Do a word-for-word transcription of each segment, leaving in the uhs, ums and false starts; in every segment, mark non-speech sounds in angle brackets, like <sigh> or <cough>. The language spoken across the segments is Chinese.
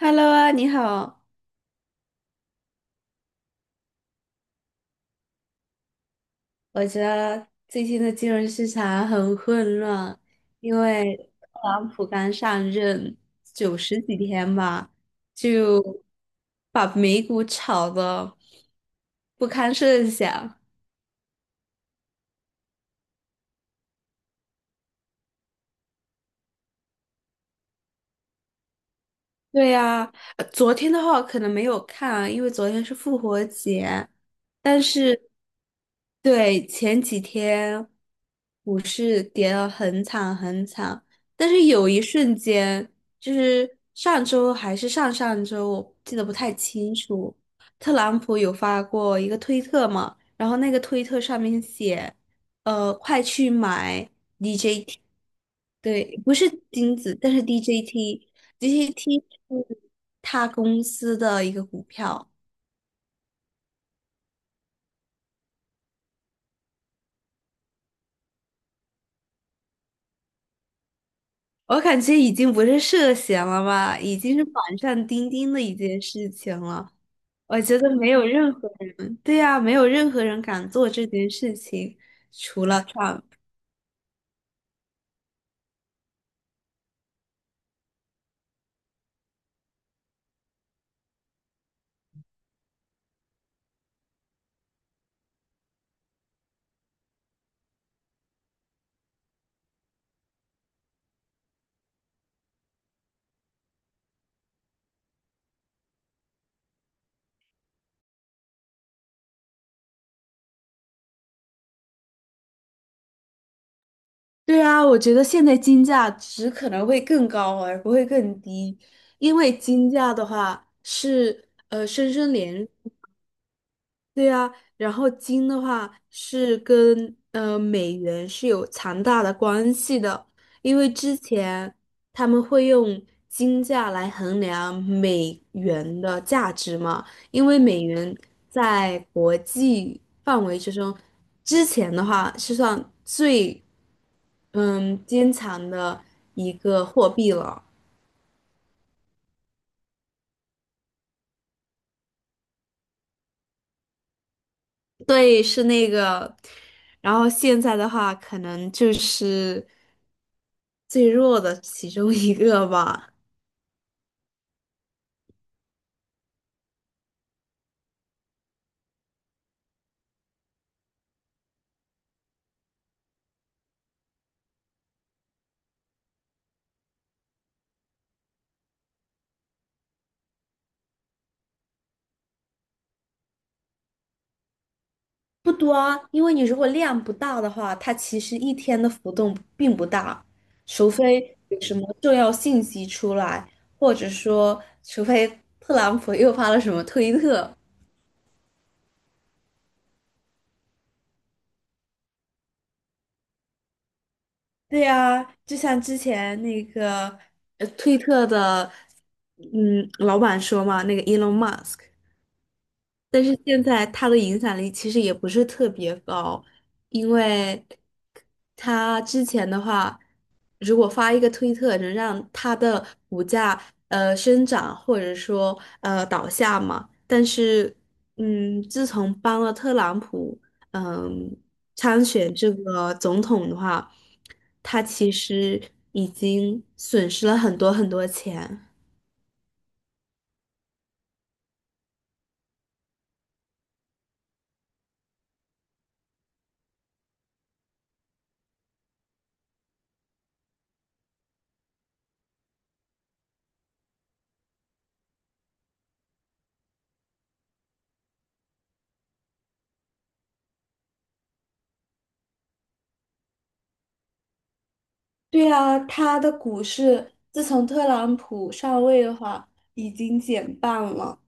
Hello 啊，你好。我觉得最近的金融市场很混乱，因为特朗普刚上任九十几天吧，就把美股炒的不堪设想。对呀，呃昨天的话我可能没有看啊，因为昨天是复活节，但是对前几天股市跌得很惨很惨，但是有一瞬间，就是上周还是上上周，我记得不太清楚，特朗普有发过一个推特嘛，然后那个推特上面写，呃，快去买 D J T。对，不是金子，但是 D J T，D J T 是他公司的一个股票。我感觉已经不是涉嫌了吧，已经是板上钉钉的一件事情了。我觉得没有任何人，对呀，没有任何人敢做这件事情，除了 t。 对啊，我觉得现在金价只可能会更高，而不会更低，因为金价的话是呃深深连。对呀，然后金的话是跟呃美元是有强大的关系的，因为之前他们会用金价来衡量美元的价值嘛，因为美元在国际范围之中，之前的话是算最嗯坚强的一个货币了。对，是那个。然后现在的话，可能就是最弱的其中一个吧。不多，啊，因为你如果量不大的话，它其实一天的浮动并不大，除非有什么重要信息出来，或者说，除非特朗普又发了什么推特。对呀，就像之前那个呃，推特的，嗯，老板说嘛，那个 Elon Musk。但是现在他的影响力其实也不是特别高，因为他之前的话，如果发一个推特能让他的股价呃生长或者说呃倒下嘛，但是嗯，自从帮了特朗普嗯参选这个总统的话，他其实已经损失了很多很多钱。对啊，它的股市自从特朗普上位的话，已经减半了。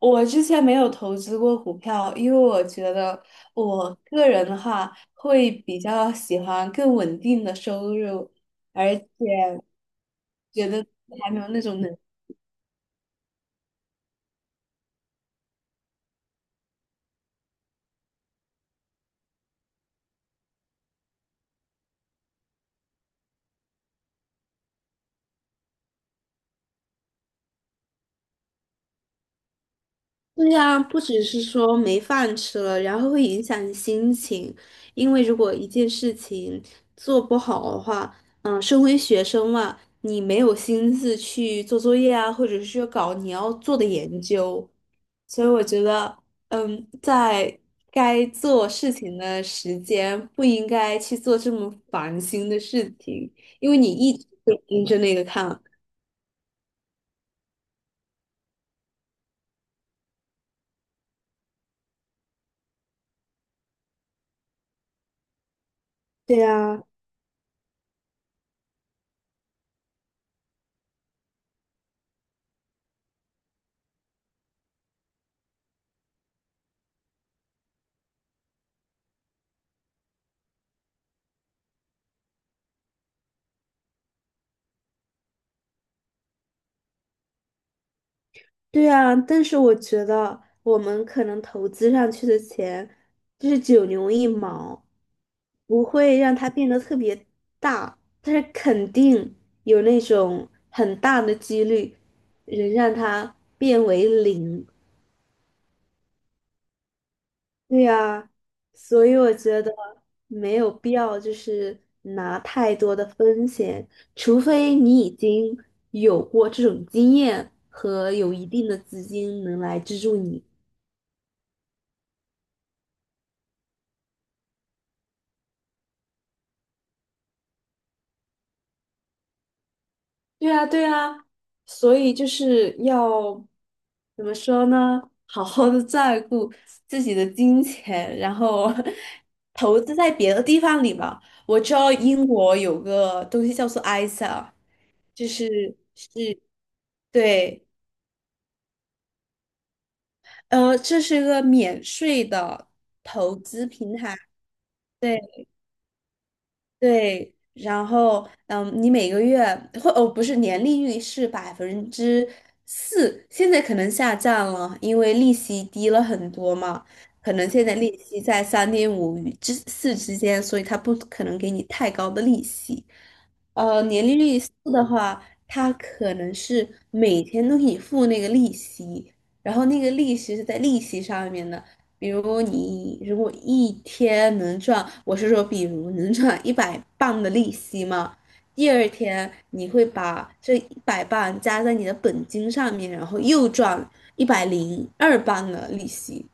我之前没有投资过股票，因为我觉得我个人的话会比较喜欢更稳定的收入，而且觉得还没有那种能。对呀，不只是说没饭吃了，然后会影响你心情，因为如果一件事情做不好的话，嗯，身为学生嘛，你没有心思去做作业啊，或者是说搞你要做的研究，所以我觉得，嗯，在该做事情的时间不应该去做这么烦心的事情，因为你一直会盯着那个看。对呀。对啊，但是我觉得我们可能投资上去的钱就是九牛一毛，不会让它变得特别大，但是肯定有那种很大的几率能让它变为零。对啊，所以我觉得没有必要就是拿太多的风险，除非你已经有过这种经验和有一定的资金能来资助你。对啊，对啊，所以就是要怎么说呢？好好的照顾自己的金钱，然后 <laughs> 投资在别的地方里吧。我知道英国有个东西叫做 I S A，就是对，呃，这是一个免税的投资平台。对。对，然后嗯，你每个月或哦不是年利率是百分之四，现在可能下降了，因为利息低了很多嘛，可能现在利息在三点五与之四之间，所以他不可能给你太高的利息。呃，年利率四的话，它可能是每天都给你付那个利息，然后那个利息是在利息上面的。比如你如果一天能赚，我是说，比如能赚一百磅的利息嘛，第二天你会把这一百磅加在你的本金上面，然后又赚一百零二磅的利息。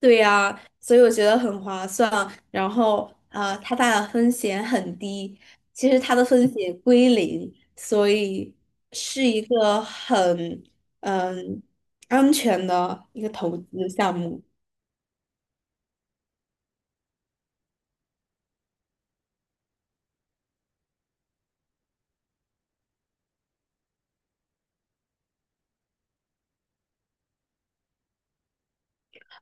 对呀，所以我觉得很划算。然后，呃，它大的风险很低，其实它的风险归零，所以是一个很嗯安全的一个投资项目。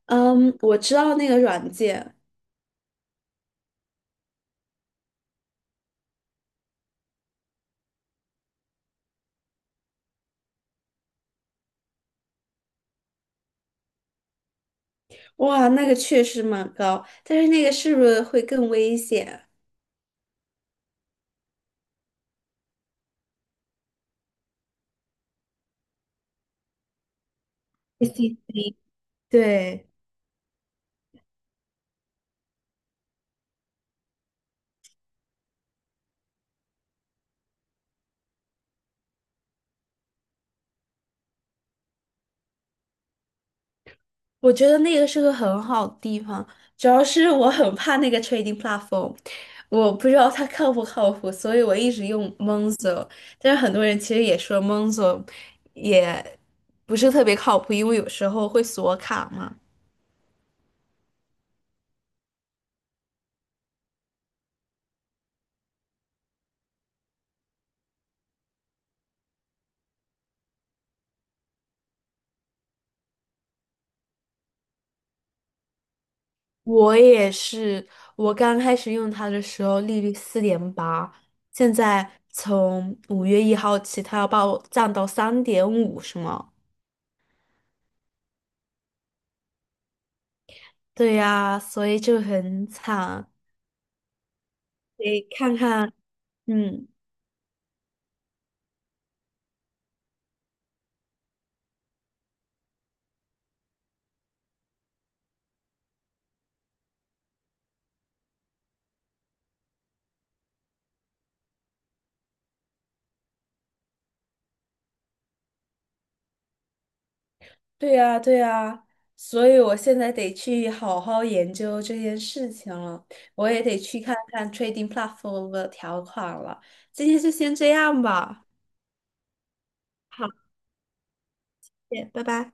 嗯，我知道那个软件。哇，那个确实蛮高，但是那个是不是会更危险？<laughs> 对，我觉得那个是个很好的地方，主要是我很怕那个 trading platform，我不知道它靠不靠谱，所以我一直用 Monzo。但是很多人其实也说 Monzo 也不是特别靠谱，因为有时候会锁卡嘛。我也是，我刚开始用它的时候利率四点八，现在从五月一号起，它要把我降到三点五，是吗？对呀，所以就很惨。得看看，嗯，对呀，对呀，所以我现在得去好好研究这件事情了，我也得去看看 trading platform 的条款了。今天就先这样吧，好，谢谢，拜拜。